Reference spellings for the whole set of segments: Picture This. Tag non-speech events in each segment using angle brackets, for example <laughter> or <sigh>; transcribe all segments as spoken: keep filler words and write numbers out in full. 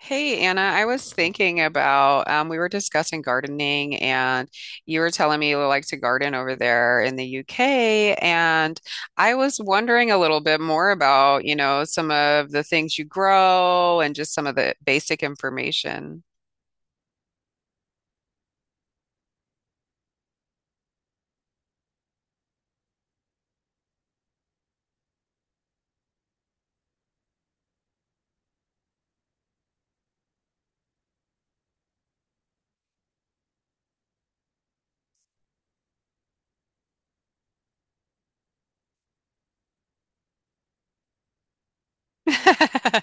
Hey Anna, I was thinking about um, we were discussing gardening, and you were telling me you like to garden over there in the U K, and I was wondering a little bit more about, you know, some of the things you grow and just some of the basic information. <laughs>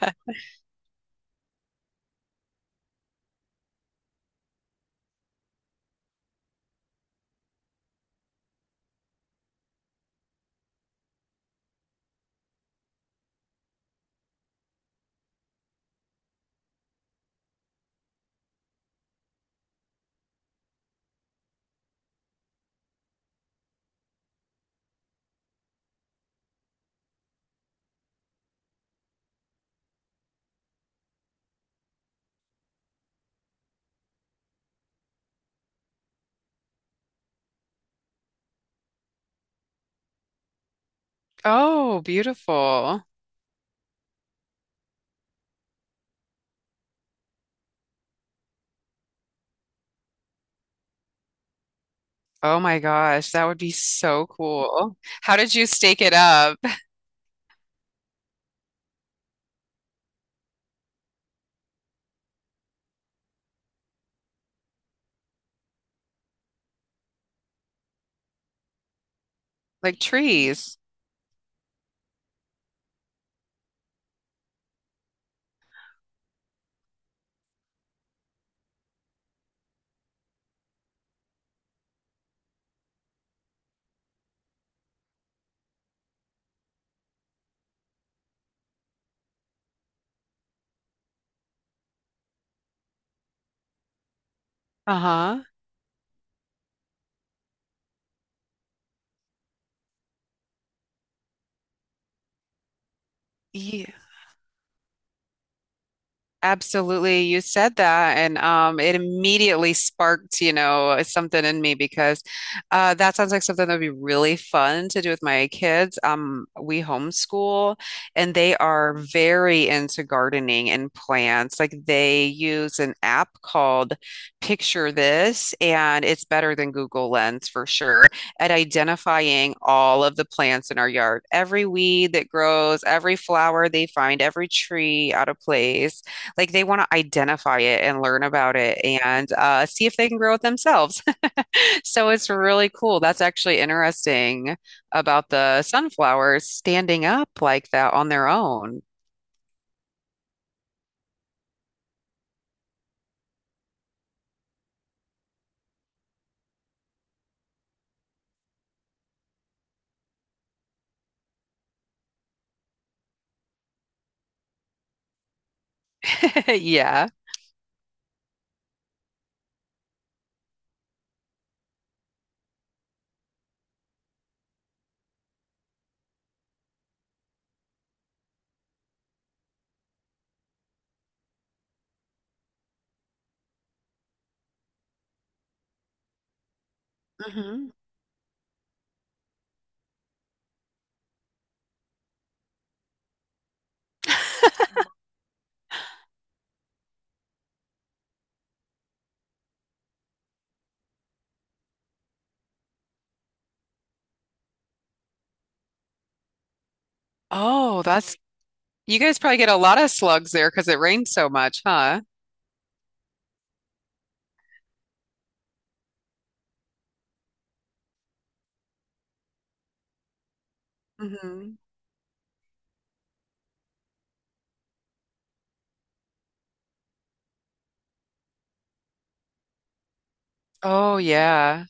Oh, beautiful. Oh my gosh, that would be so cool. How did you stake it up? <laughs> Like trees. Uh-huh. Absolutely. You said that and um it immediately sparked, you know, something in me because uh that sounds like something that would be really fun to do with my kids. Um, we homeschool and they are very into gardening and plants. Like, they use an app called Picture This, and it's better than Google Lens for sure at identifying all of the plants in our yard. Every weed that grows, every flower they find, every tree out of place. Like, they want to identify it and learn about it, and uh, see if they can grow it themselves. <laughs> So it's really cool. That's actually interesting about the sunflowers standing up like that on their own. <laughs> Yeah. Hmm. Oh, that's you guys probably get a lot of slugs there because it rains so much, huh? Hmm. Oh, yeah.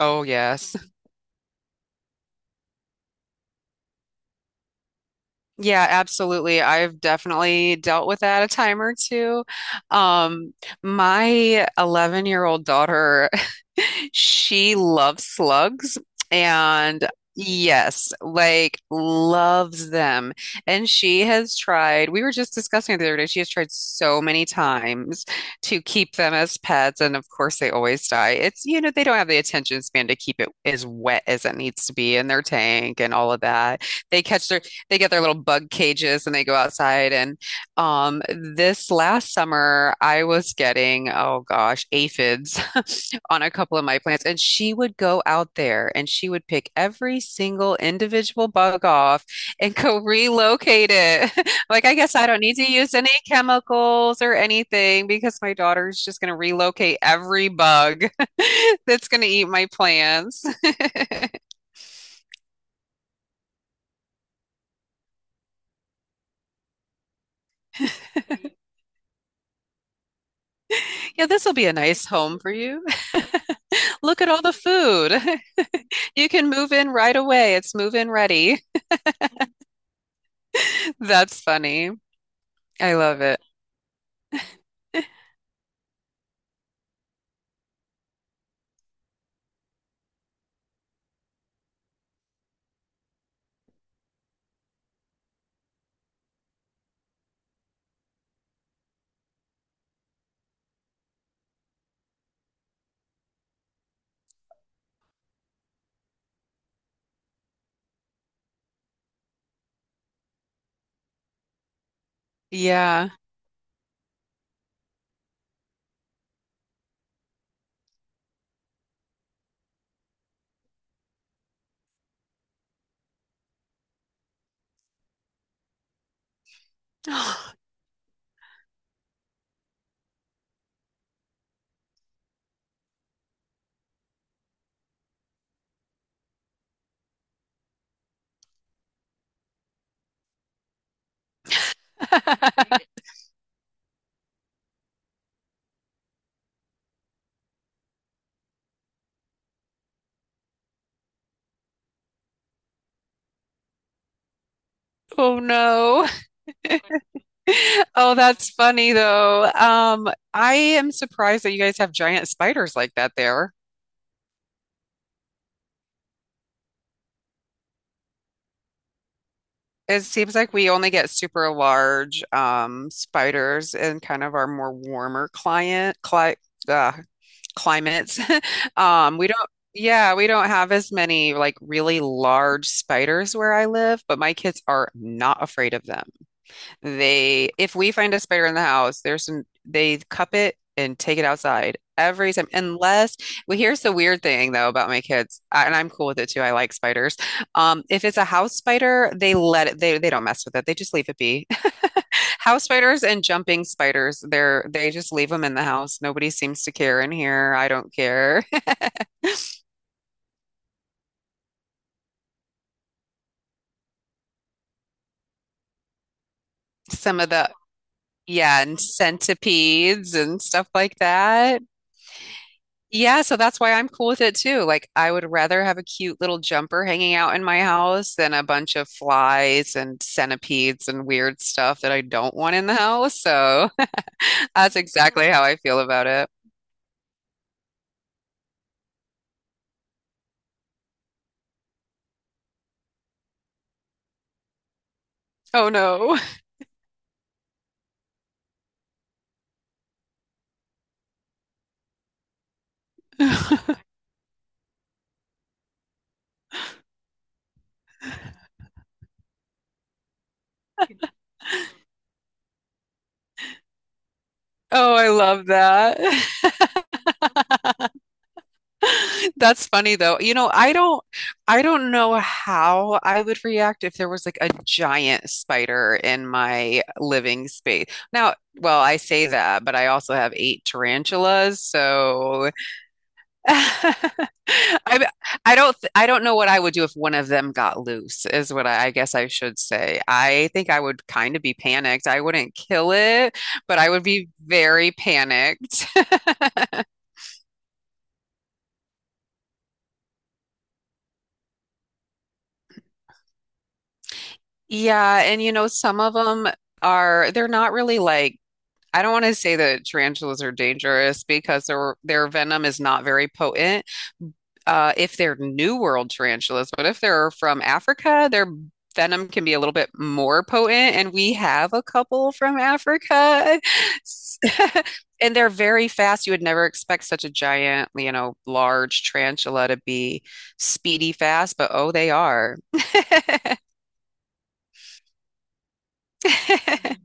Oh, yes. Yeah, absolutely. I've definitely dealt with that a time or two. Um, my eleven-year-old daughter, <laughs> she loves slugs, and yes, like, loves them. And she has tried, we were just discussing it the other day, she has tried so many times to keep them as pets. And of course, they always die. It's, you know, they don't have the attention span to keep it as wet as it needs to be in their tank and all of that. They catch their they get their little bug cages and they go outside. And um, this last summer, I was getting, oh gosh, aphids <laughs> on a couple of my plants. And she would go out there and she would pick every single individual bug off and go relocate it. <laughs> Like, I guess I don't need to use any chemicals or anything because my daughter's just going to relocate every bug <laughs> that's going to eat my plants. <laughs> Yeah, this will be a nice home for you. <laughs> Look at all the food. <laughs> You can move in right away. It's move in ready. <laughs> That's funny. I love it. Yeah. <gasps> Oh no. <laughs> Oh, that's funny though. Um, I am surprised that you guys have giant spiders like that there. It seems like we only get super large um, spiders in kind of our more warmer client cli uh, climates. <laughs> Um, we don't, yeah, we don't have as many like really large spiders where I live, but my kids are not afraid of them. They, if we find a spider in the house, there's some, they cup it and take it outside every time. Unless, Well, here's the weird thing though about my kids, I- and I'm cool with it too. I like spiders. Um, if it's a house spider, they let it, they, they don't mess with it. They just leave it be. <laughs> House spiders and jumping spiders, they're, they just leave them in the house. Nobody seems to care in here. I don't care. <laughs> Some of the, yeah, and centipedes and stuff like that. Yeah, so that's why I'm cool with it too. Like, I would rather have a cute little jumper hanging out in my house than a bunch of flies and centipedes and weird stuff that I don't want in the house. So <laughs> that's exactly how I feel about it. Oh no. <laughs> Oh, I love that. <laughs> <laughs> That's funny though. You know, I don't I don't know how I would react if there was like a giant spider in my living space. Now, well, I say that, but I also have eight tarantulas. So <laughs> I I don't th- I don't know what I would do if one of them got loose, is what I, I guess I should say. I think I would kind of be panicked. I wouldn't kill it, but I would be very panicked. Yeah, and you know, some of them are they're not really like I don't want to say that tarantulas are dangerous because their their venom is not very potent. Uh, if they're New World tarantulas, but if they're from Africa, their venom can be a little bit more potent, and we have a couple from Africa. <laughs> And they're very fast. You would never expect such a giant, you know, large tarantula to be speedy fast, but oh, they are. <laughs>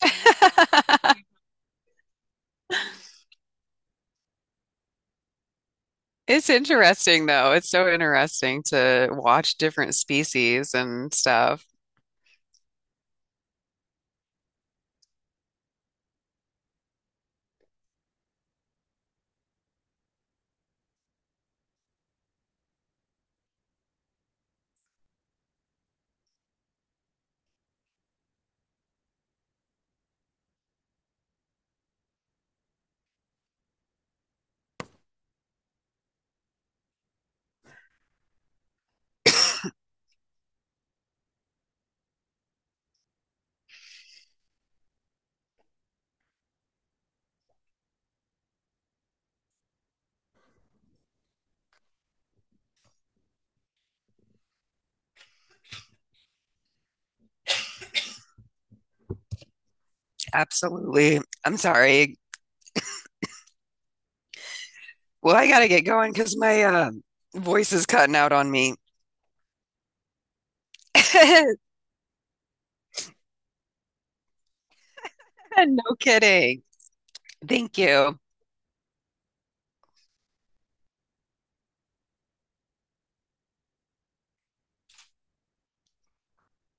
<laughs> It's interesting though. It's so interesting to watch different species and stuff. Absolutely. I'm sorry. Well, I gotta get going because my uh, voice is cutting out on me. <laughs> No kidding. Thank you.